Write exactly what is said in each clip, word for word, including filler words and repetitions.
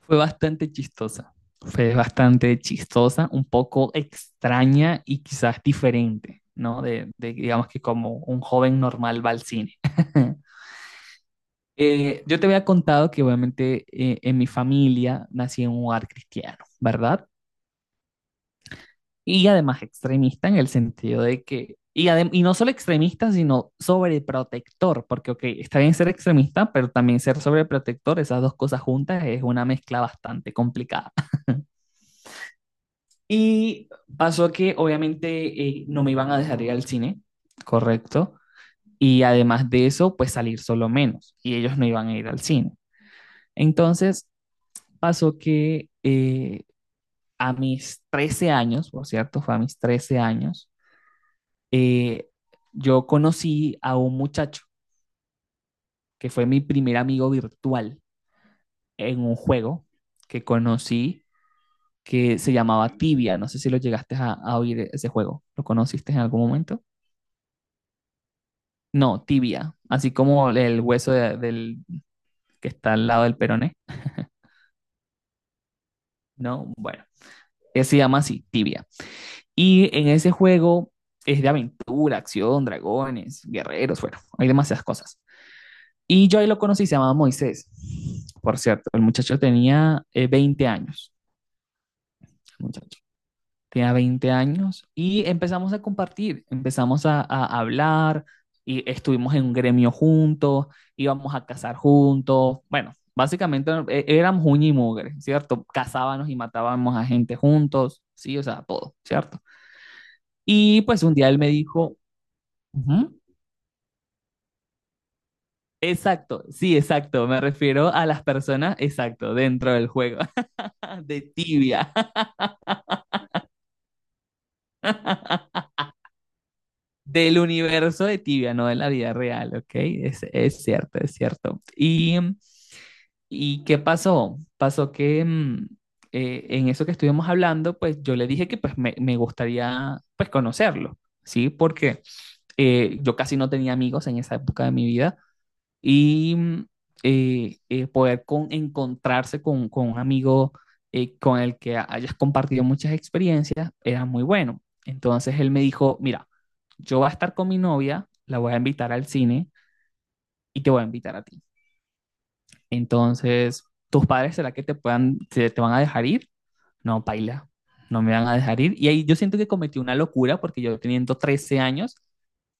Fue bastante chistosa. Fue bastante chistosa, un poco extraña y quizás diferente, ¿no? De, de, digamos que como un joven normal va al cine. Eh, yo te había contado que obviamente eh, en mi familia nací en un hogar cristiano, ¿verdad? Y además extremista en el sentido de que, y, adem- y no solo extremista, sino sobreprotector, porque, ok, está bien ser extremista, pero también ser sobreprotector, esas dos cosas juntas es una mezcla bastante complicada. Y pasó que obviamente eh, no me iban a dejar ir al cine, correcto, y además de eso, pues salir solo menos, y ellos no iban a ir al cine. Entonces pasó que eh, a mis trece años, por cierto, fue a mis trece años, eh, yo conocí a un muchacho que fue mi primer amigo virtual en un juego que conocí que se llamaba Tibia. No sé si lo llegaste a, a oír ese juego. ¿Lo conociste en algún momento? No, Tibia. Así como el hueso de- del, que está al lado del peroné. No, bueno. eh, Se llama así, Tibia. Y en ese juego es de aventura, acción, dragones, guerreros, bueno, hay demasiadas cosas. Y yo ahí lo conocí, se llamaba Moisés. Por cierto, el muchacho tenía eh, veinte años. El muchacho tenía veinte años y empezamos a compartir, empezamos a, a hablar y estuvimos en un gremio juntos, íbamos a cazar juntos. Bueno, básicamente eh, éramos uña y mugre, ¿cierto? Cazábamos y matábamos a gente juntos, sí, o sea, todo, ¿cierto? Y pues un día él me dijo, "Ujú, exacto, sí, exacto, me refiero a las personas, exacto, dentro del juego. de tibia, del universo de tibia, no de la vida real, ¿ok? Es, es cierto, es cierto. Y, ¿y qué pasó? Pasó que mm, eh, en eso que estuvimos hablando, pues yo le dije que pues me, me gustaría pues conocerlo, ¿sí? Porque eh, yo casi no tenía amigos en esa época de mi vida y mm, eh, eh, poder con- encontrarse con, con un amigo eh, con el que hayas compartido muchas experiencias era muy bueno. Entonces él me dijo, mira, yo voy a estar con mi novia, la voy a invitar al cine y te voy a invitar a ti. Entonces, ¿tus padres será que te puedan, te, te van a dejar ir? No, paila, no me van a dejar ir. Y ahí yo siento que cometí una locura porque yo teniendo trece años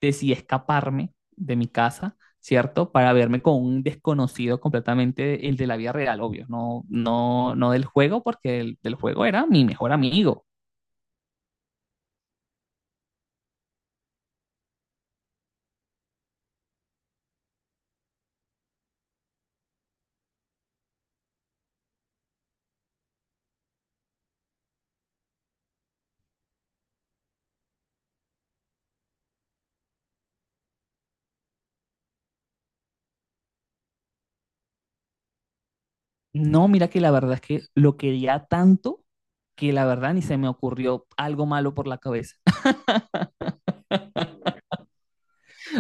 decidí escaparme de mi casa, ¿cierto? Para verme con un desconocido completamente, el de la vida real, obvio, no, no, no del juego, porque el del juego era mi mejor amigo. No, mira que la verdad es que lo quería tanto que la verdad ni se me ocurrió algo malo por la cabeza.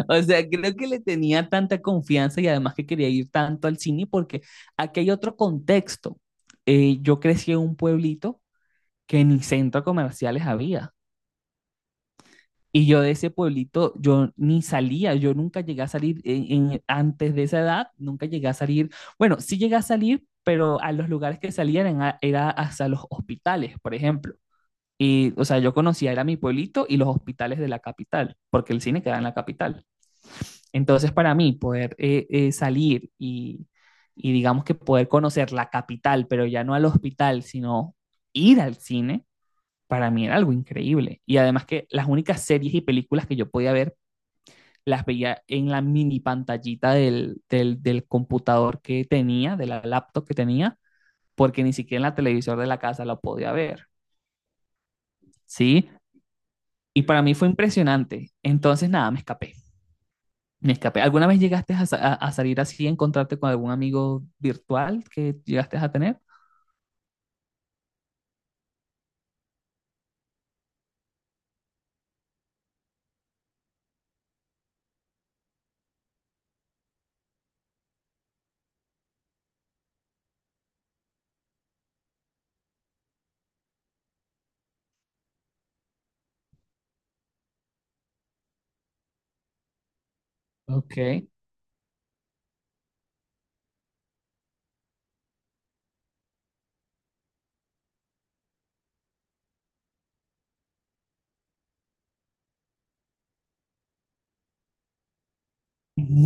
O sea, creo que le tenía tanta confianza y además que quería ir tanto al cine porque aquí hay otro contexto. Eh, yo crecí en un pueblito que ni centros comerciales había. Y yo de ese pueblito, yo ni salía, yo nunca llegué a salir en- en- antes de esa edad, nunca llegué a salir. Bueno, sí llegué a salir, pero a los lugares que salían eran a- era hasta los hospitales, por ejemplo. Y, o sea, yo conocía, era mi pueblito y los hospitales de la capital, porque el cine queda en la capital. Entonces, para mí, poder eh, eh, salir y, y, digamos que poder conocer la capital, pero ya no al hospital, sino ir al cine, para mí era algo increíble. Y además que las únicas series y películas que yo podía ver, las veía en la mini pantallita del, del, del computador que tenía, de la laptop que tenía, porque ni siquiera en la televisor de la casa lo podía ver, ¿sí? Y para mí fue impresionante. Entonces, nada, me escapé. Me escapé. ¿Alguna vez llegaste a, sa- a- a salir así, a encontrarte con algún amigo virtual que llegaste a tener? Ok.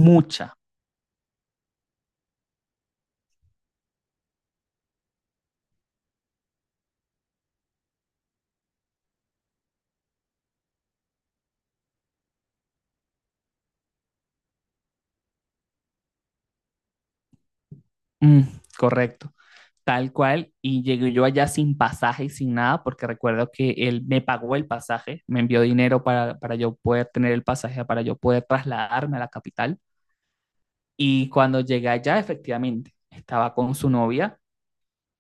Mucha. Mm, correcto. Tal cual. Y llegué yo allá sin pasaje y sin nada, porque recuerdo que él me pagó el pasaje, me envió dinero para, para yo poder tener el pasaje, para yo poder trasladarme a la capital. Y cuando llegué allá, efectivamente, estaba con su novia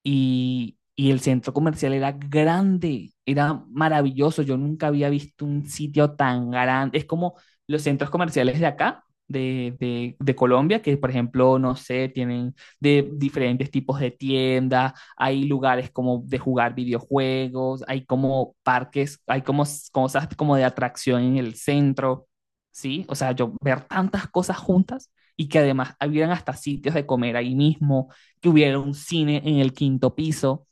y, y el centro comercial era grande, era maravilloso. Yo nunca había visto un sitio tan grande. Es como los centros comerciales de acá, de, de, de Colombia, que por ejemplo, no sé, tienen de diferentes tipos de tiendas, hay lugares como de jugar videojuegos, hay como parques, hay como s- cosas como de atracción en el centro, ¿sí? O sea, yo ver tantas cosas juntas y que además habían hasta sitios de comer ahí mismo, que hubiera un cine en el quinto piso.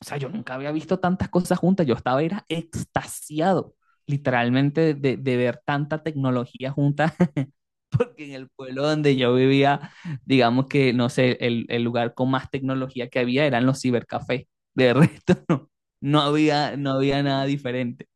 O sea, yo nunca había visto tantas cosas juntas. Yo estaba era extasiado, literalmente, de, de ver tanta tecnología junta, porque en el pueblo donde yo vivía, digamos que, no sé, el, el lugar con más tecnología que había eran los cibercafés. De resto, no, no había, no había nada diferente.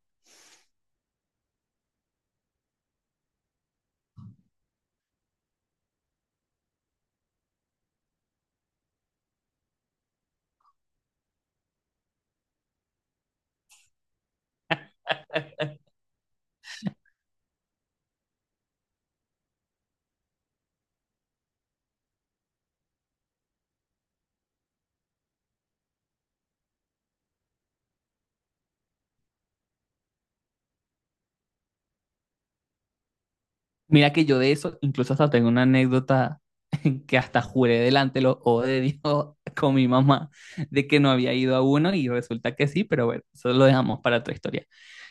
Mira que yo de eso, incluso hasta tengo una anécdota que hasta juré delante de los ojos de Dios con mi mamá de que no había ido a uno y resulta que sí, pero bueno, eso lo dejamos para otra historia.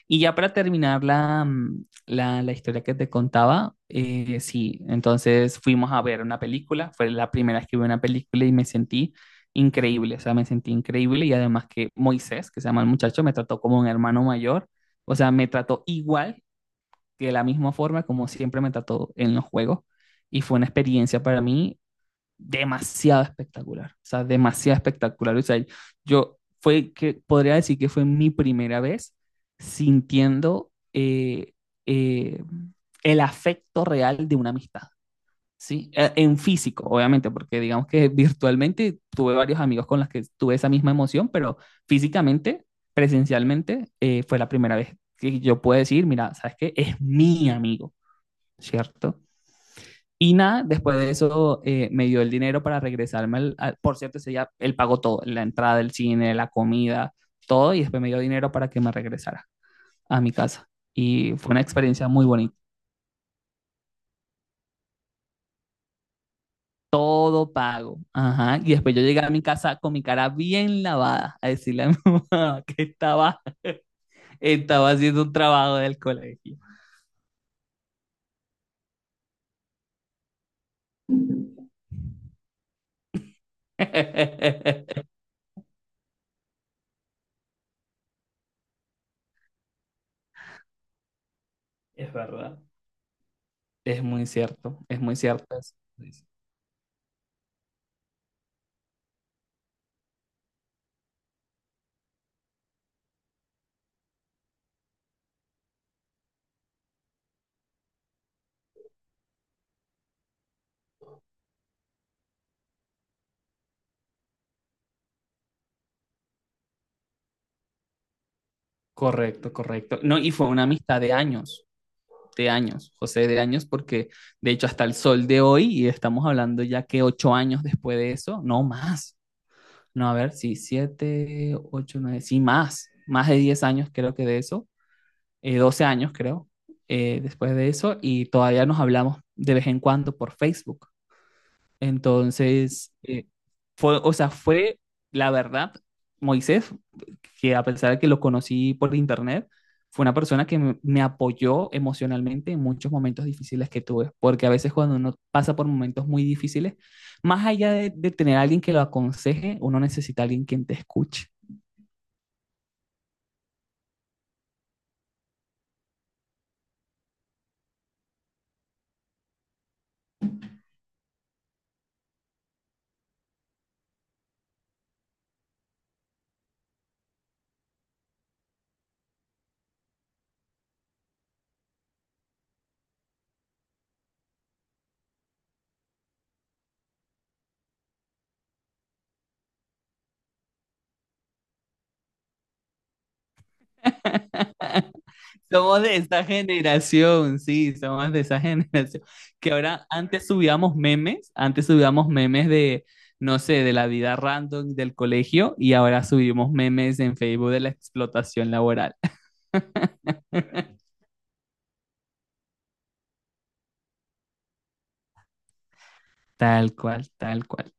Y ya para terminar la, mm, la, la historia que te contaba, eh, sí, entonces fuimos a ver una película, fue la primera vez que vi una película y me sentí increíble, o sea, me sentí increíble y además que Moisés, que se llama el muchacho, me trató como un hermano mayor, o sea, me trató igual que de la misma forma como siempre me trató en los juegos y fue una experiencia para mí demasiado espectacular, o sea, demasiado espectacular. O sea, yo fue que podría decir que fue mi primera vez sintiendo eh, eh, el afecto real de una amistad, ¿sí? Eh, En físico, obviamente, porque digamos que virtualmente tuve varios amigos con los que tuve esa misma emoción, pero físicamente, presencialmente, eh, fue la primera vez que yo puedo decir, mira, ¿sabes qué? Es mi amigo, ¿cierto? Y nada, después de eso eh, me dio el dinero para regresarme. Al, al- por cierto, ese día él pagó todo, la entrada del cine, la comida, todo, y después me dio dinero para que me regresara a mi casa. Y fue una experiencia muy bonita. Todo pago. Ajá. Y después yo llegué a mi casa con mi cara bien lavada a decirle a mi mamá que estaba, estaba haciendo un trabajo del colegio. Es verdad. Es muy cierto, es muy cierto. Eso. Correcto, correcto. No, y fue una amistad de años. De años, José, de años, porque de hecho hasta el sol de hoy, y estamos hablando ya que ocho años después de eso, no más, no, a ver, sí, siete, ocho, nueve, sí, más, más de diez años creo que de eso, eh, doce años creo, eh, después de eso, y todavía nos hablamos de vez en cuando por Facebook. Entonces, eh, fue, o sea, fue la verdad, Moisés, que a pesar de que lo conocí por internet, fue una persona que me, me apoyó emocionalmente en muchos momentos difíciles que tuve, porque a veces cuando uno pasa por momentos muy difíciles, más allá de, de tener a alguien que lo aconseje, uno necesita a alguien quien te escuche. Somos de esa generación, sí, somos de esa generación. Que ahora, antes subíamos memes, antes subíamos memes de, no sé, de la vida random del colegio y ahora subimos memes en Facebook de la explotación laboral. Tal cual, tal cual.